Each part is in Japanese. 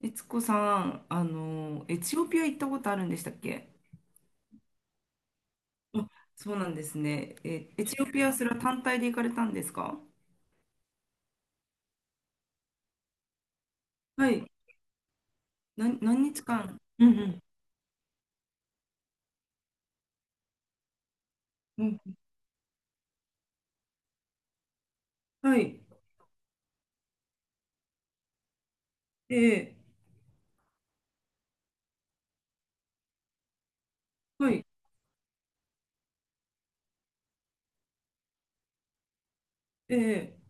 悦子さん、エチオピア行ったことあるんでしたっけ？あ、そうなんですね。え、エチオピア、それは単体で行かれたんですか？はい。何日間？うんうん。うん。はい。ええ。はい。ええ。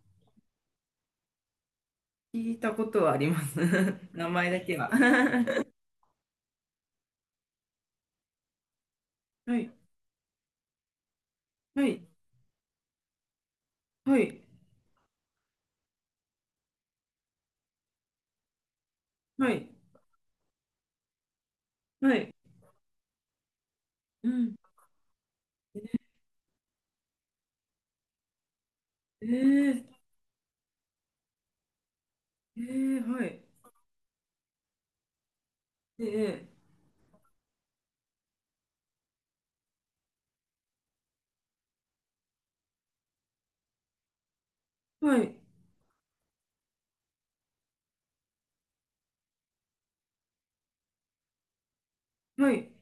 聞いたことはあります。名前だけは。はい。はい。はい。はい。はい。うん。ええ、ええ。はい。ええ。はい。はい。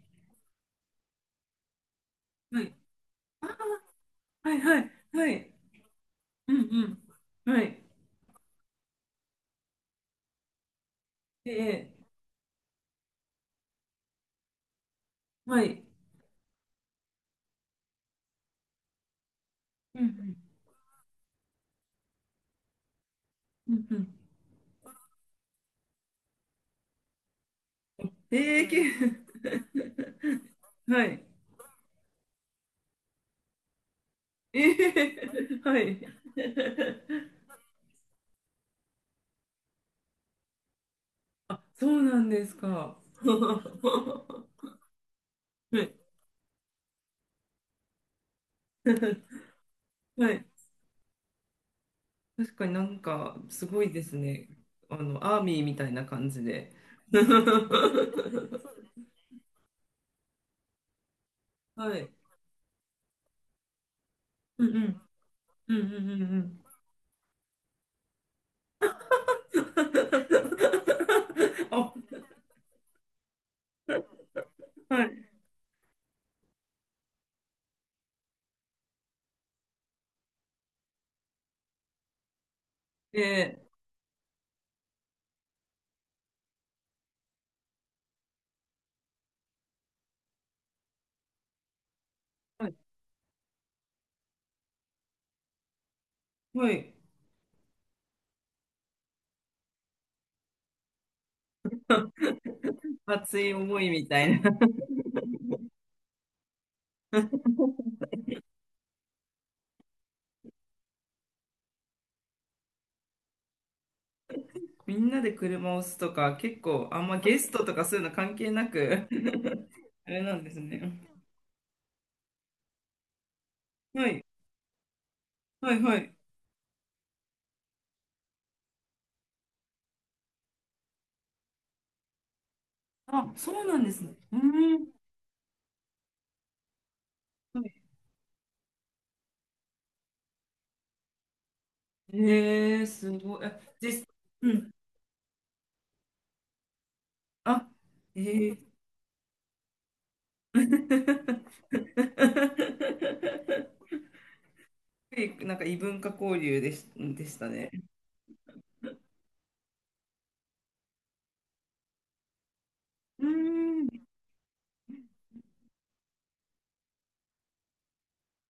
はい。はい。はい。はい。うんうん。はい。ええ。はい。うんうんうん。うえん。えうけ、はい。ええ。はい。そうなんですか。はい。はい。確かになんか、すごいですね。アーミーみたいな感じで。はい。うんうん。うんうんうんうん。あ、はい。えはい。はい。熱い思いみたいな。みんなで車を押すとか、結構、あんまゲストとかそういうの関係なく、 あれなんですね。はい、はい、はい。あ、そうなんですね。うん。はい。えー、すごい。あ、実、うん。あ、えー。なんか異文化交流でしたね。うーん。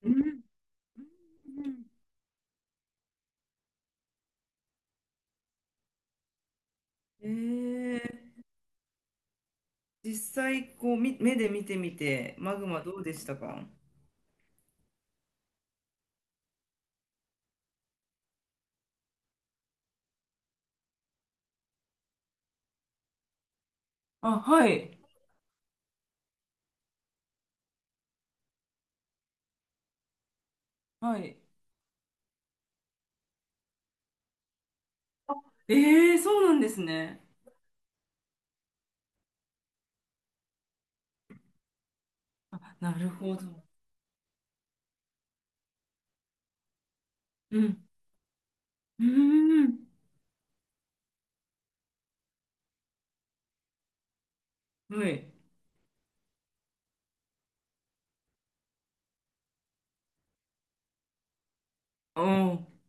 うん。うん。実際、こう、目で見てみて、マグマどうでしたか？あ、はい。はい。ええ。そうなんですね。あ、なるほど。うん。うーん。はい。ああ、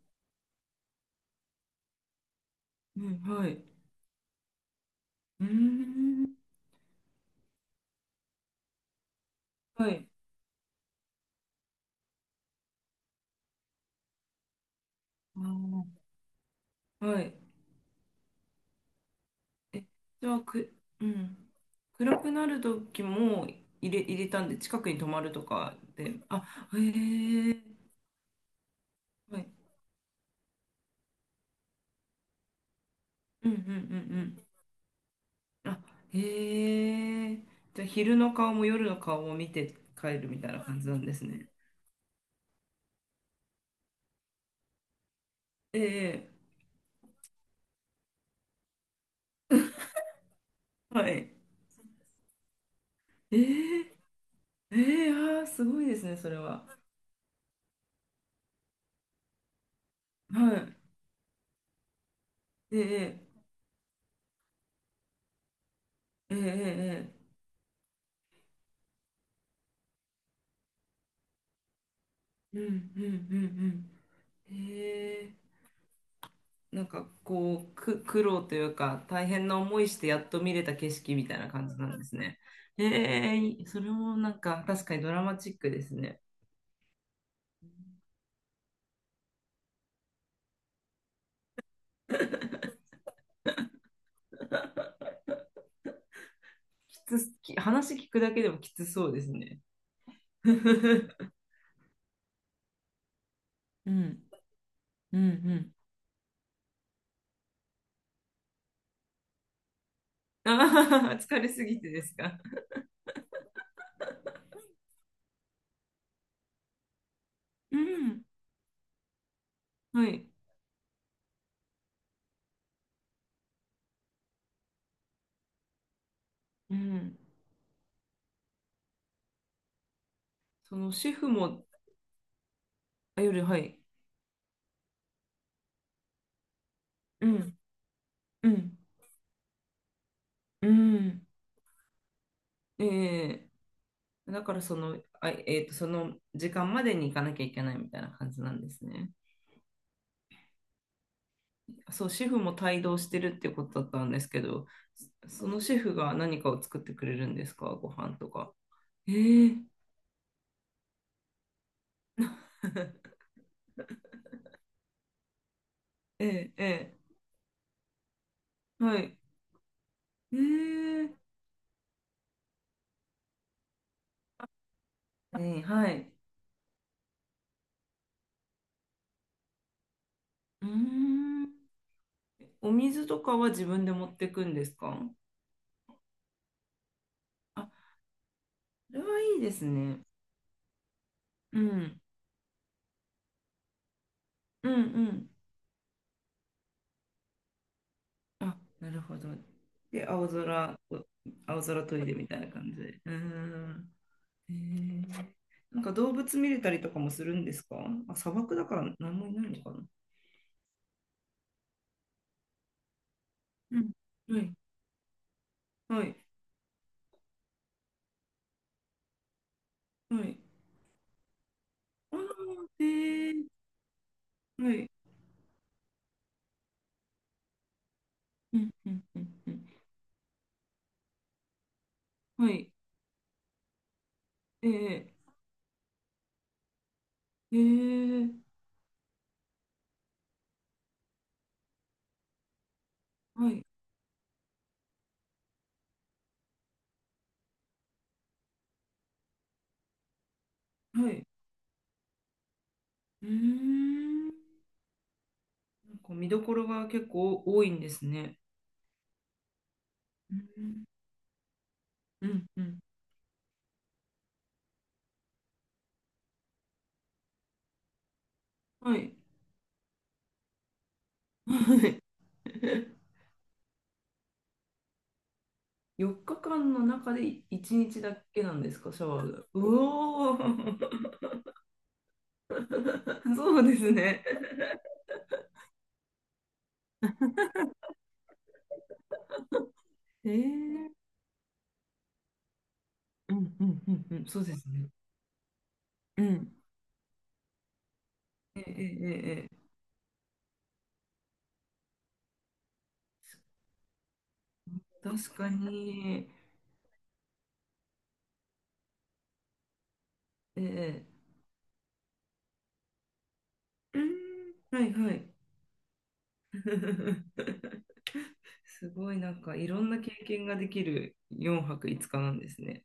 うん、はい。うーん。はい。ああ、はい。え、じゃあ、うん。暗くなる時も入れたんで、近くに泊まるとかで、あ、へえ。はい。うんうんうんうん。あ、へえ。じゃあ、昼の顔も夜の顔も見て帰るみたいな感じなんですね。ええ。はい。ええ、ええ。ああー、すごいですね、それは。はい。ええ、ええ、ええ、ええ。うんうんうんうん。ええ。なんかこう、苦労というか、大変な思いしてやっと見れた景色みたいな感じなんですね。ええ。いい、それもなんか確かにドラマチックですね。きつ、き、話聞くだけでもきつそうですね。うんうんうん。ああ、疲れすぎてですか？うん。はい。うん。そのシェフも、あ、夜、はい。うん。うん、うん、ええ。だからその、あ、その時間までに行かなきゃいけないみたいな感じなんですね。そう、シェフも帯同してるってことだったんですけど、そのシェフが何かを作ってくれるんですか、ご飯とか。えー、えー、ええ。はい。えー、ええ。はい。うーん。お水とかは自分で持ってくんですか？あ、それはいいですね。うん、うん、うん。あ、なるほど。で、青空トイレみたいな感じで。うーん。へー、なんか動物見れたりとかもするんですか？あ、砂漠だから何もいないのかな？うん。はい、はい、はい。ああ、へえ。はい。うんうんうんうん。はい。ええ、ええ。はい、はい。うーん。なんか見どころが結構多いんですね。うんうんうん。はい。はい。4日間の中で1日だけなんですか、シャワーが。うおー。 そうですね。えー、うんうんうんうん、そうですね。うん。ええ、ええ、ええ。確かに。ええ。うん、はいはい。すごいなんかいろんな経験ができる4泊5日なんですね。